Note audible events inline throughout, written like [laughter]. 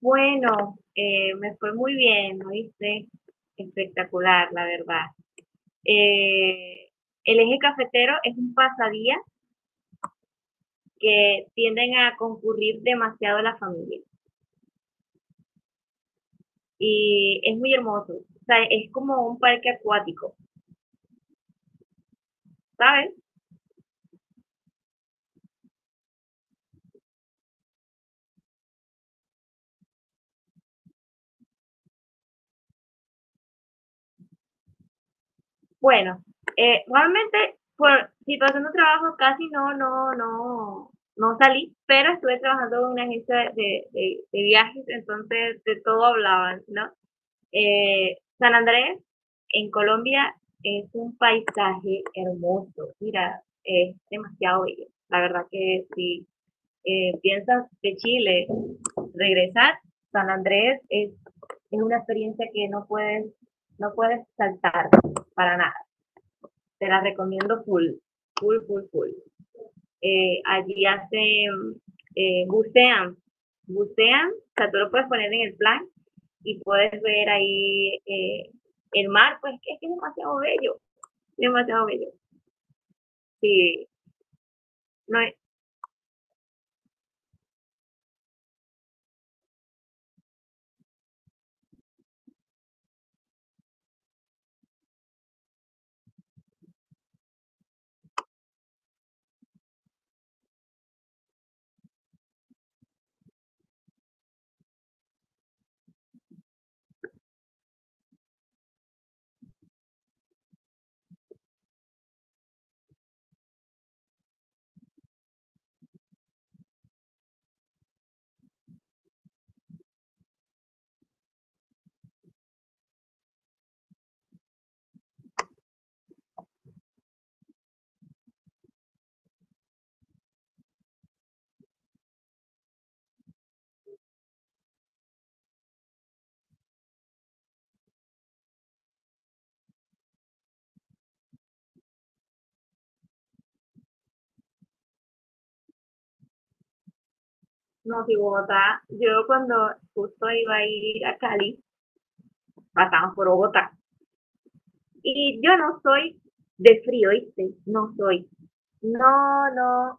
Bueno, me fue muy bien, ¿no viste? Espectacular, la verdad. Eh, el eje cafetero es un pasadía que tienden a concurrir demasiado la familia y es muy hermoso. O sea, es como un parque acuático, ¿sabes? Bueno, realmente por situación de trabajo casi no, no salí, pero estuve trabajando en una agencia de viajes, entonces de todo hablaban, ¿no? San Andrés, en Colombia, es un paisaje hermoso. Mira, es demasiado bello. La verdad que si piensas de Chile regresar, San Andrés es una experiencia que no puedes saltar para nada. Te la recomiendo full, full. Allí hacen, eh, bucean, bucean, o sea, tú lo puedes poner en el plan y puedes ver ahí el mar, pues es que es demasiado bello, demasiado bello. Sí, no, es- no, si Bogotá, yo cuando justo iba a ir a Cali, pasamos por Bogotá. Y yo no soy de frío, ¿viste? No soy. No, no.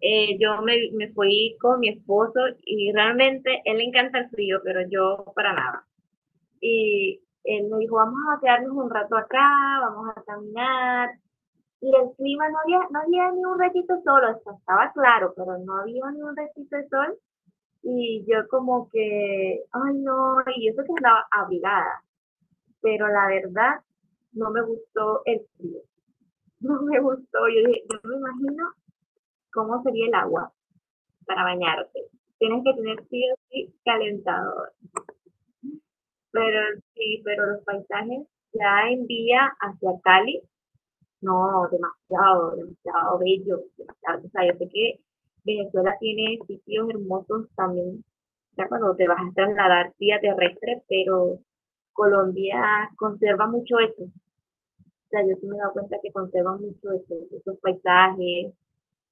Yo me fui con mi esposo y realmente él le encanta el frío, pero yo para nada. Y él me dijo, vamos a quedarnos un rato acá, vamos a caminar. Y el clima, no había ni un ratito de sol, o sea, estaba claro, pero no había ni un ratito de sol. Y yo como que, ay no, y eso que andaba abrigada, pero la verdad no me gustó el frío, [laughs] no me gustó. Yo dije, yo me imagino cómo sería el agua para bañarte. Tienes que tener sí o sí calentador. Pero sí, pero los paisajes ya en día hacia Cali. No, demasiado, demasiado bello, demasiado. O sea, yo sé que Venezuela tiene sitios hermosos también, ya cuando te vas a trasladar vía terrestre, pero Colombia conserva mucho eso. O sea, yo sí me he dado cuenta que conserva mucho eso, esos paisajes,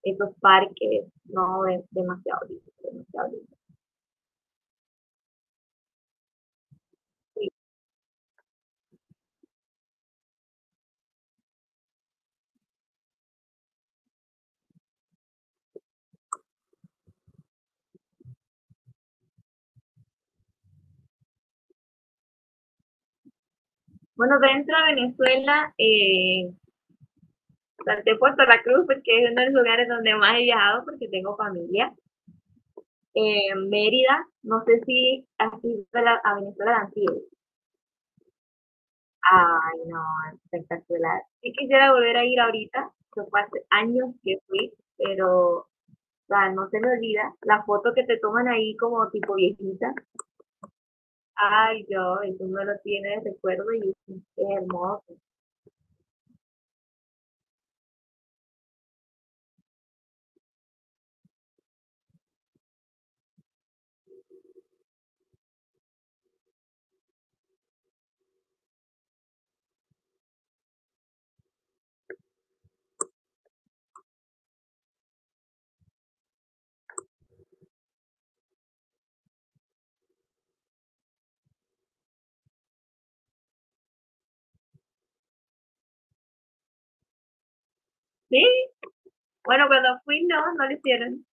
esos parques, no, es demasiado lindo, demasiado lindo. Sí. Bueno, dentro de Venezuela, salté Puerto La Cruz porque es uno de los lugares donde más he viajado porque tengo familia. Mérida, no sé si has ido a Venezuela de Antilles. Ay, no, espectacular. Sí quisiera volver a ir ahorita, que fue hace años que fui, pero o sea, no se me olvida la foto que te toman ahí como tipo viejita. Ay, yo, eso me lo tiene de recuerdo y es hermoso. Sí, bueno, cuando fui no, no lo hicieron.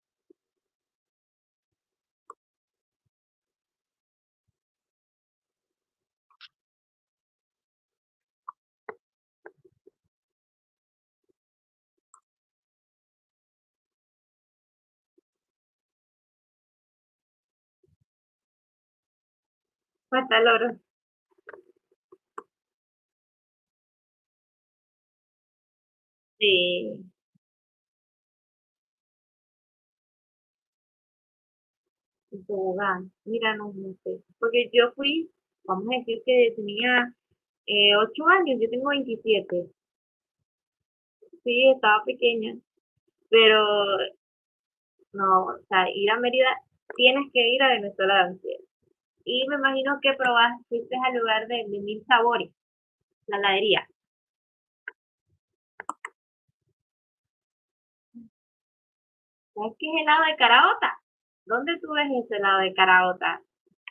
Hasta el oro. Sí, en tobogán. Mira, no, no sé. Porque yo fui, vamos a decir que tenía 8 años, yo tengo 27. Sí, estaba pequeña, pero no, o sea, ir a Mérida, tienes que ir a Venezuela de Ansiedad. Y me imagino que probaste, fuiste al lugar de Mil Sabores, la heladería. ¿Sabes qué es helado de caraota? ¿Dónde tú ves ese helado de caraota?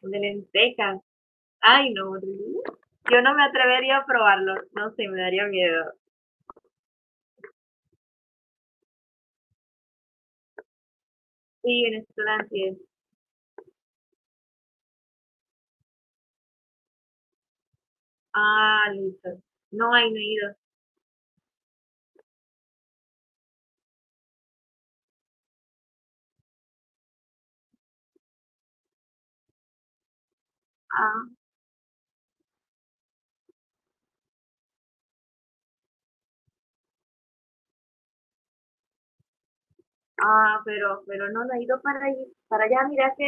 De lentejas. Ay, no, yo no me atrevería a probarlo. No sé, me daría miedo. Sí, Venezuela de Ansiedad. Ah, listo. No hay, no he ido. Ah, ah, pero no, no he ido para allá. Mira que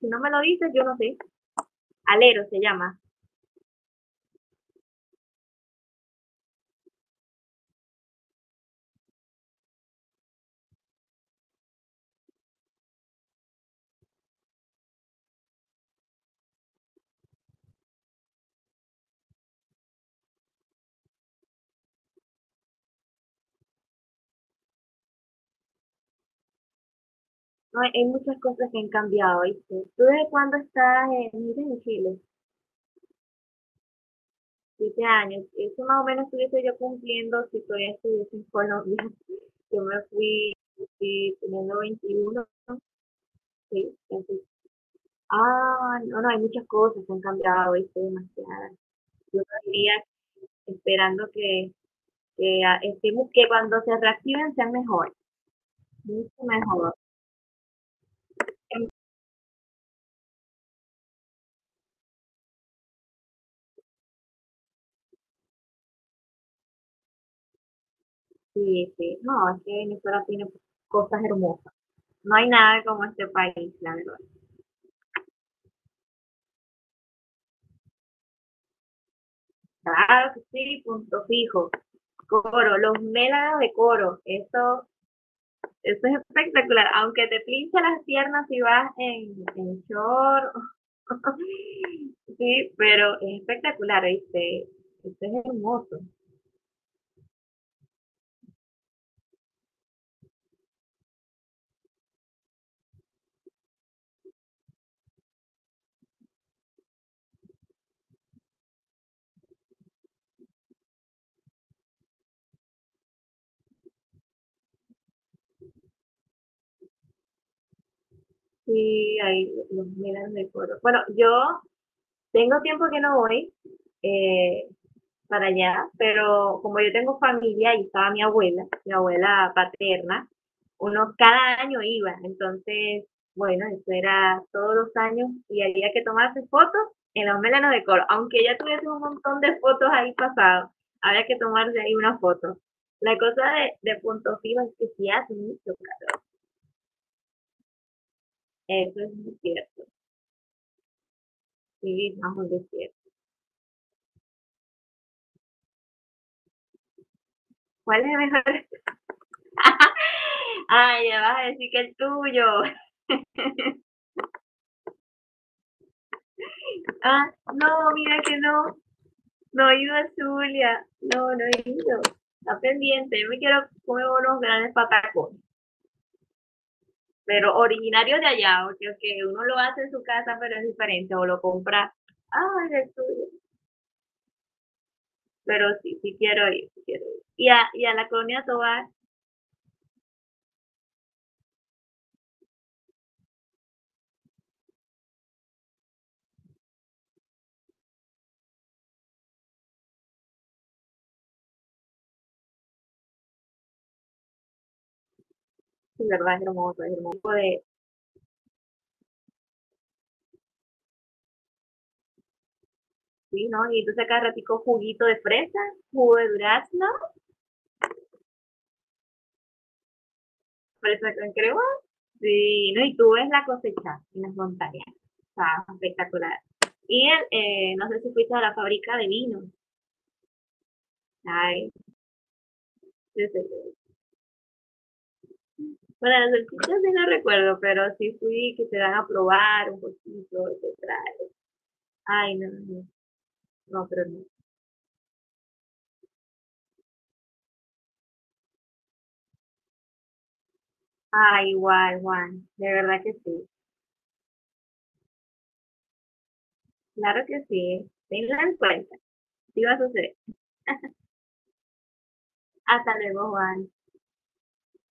si no me lo dices, yo no sé. Alero se llama. No, hay muchas cosas que han cambiado, ¿viste? ¿Tú desde cuándo estás en, mira, en Chile? 7 años. Eso más o menos estuviese yo cumpliendo si todavía estuviese en Colombia. [laughs] Yo me fui, fui teniendo 21, ¿no? Sí, así. Ah, no, no, hay muchas cosas que han cambiado, ¿viste? Demasiadas. Yo estaría esperando que, estemos, que cuando se reactiven sean mejores, mucho mejor. Sí, sí, no, es que Venezuela tiene cosas hermosas. No hay nada como este país, la verdad. Claro que sí, punto fijo. Coro, los mélanos de coro, eso es espectacular. Aunque te pinche las piernas si vas en short, [laughs] sí, pero es espectacular, ¿viste? Esto es hermoso. Sí, hay los mélanos de coro. Bueno, yo tengo tiempo que no voy. Eh, para allá, pero como yo tengo familia y estaba mi abuela paterna, uno cada año iba, entonces, bueno, eso era todos los años y había que tomarse fotos en los melanos de coro, aunque ya tuviese un montón de fotos ahí pasadas, había que tomarse ahí una foto. La cosa de punto fijo es que sí hace mucho. Eso es muy cierto, sí, vamos a decir. ¿Cuál es el mejor? [laughs] Ay, ya vas a decir que el tuyo. Ah, no, mira que no. No he ido a Zulia, no, no he ido. Está pendiente, yo me quiero comer unos grandes patacones, pero originarios de allá, porque okay, uno lo hace en su casa, pero es diferente, o lo compra, ah, de Zulia. Pero sí, sí quiero ir, sí quiero ir. Y a la colonia Tobar, sí, verdad, es hermoso de, sí, ¿no? Y entonces acá ratico juguito de fresa, jugo de durazno, fresa con crema. Sí, no, y tú ves la cosecha en las montañas, está espectacular. Y el, no sé si fuiste a la fábrica de vino. Ay, sí, sí, sí. Bueno, las salchichas sí no recuerdo, pero sí fui que te dan a probar un poquito, te trae. Ay, no, no, no, no, pero no. Ay, guay, Juan, de verdad que sí. Claro que sí. Tengan en cuenta, sí va a suceder. Hasta luego, Juan.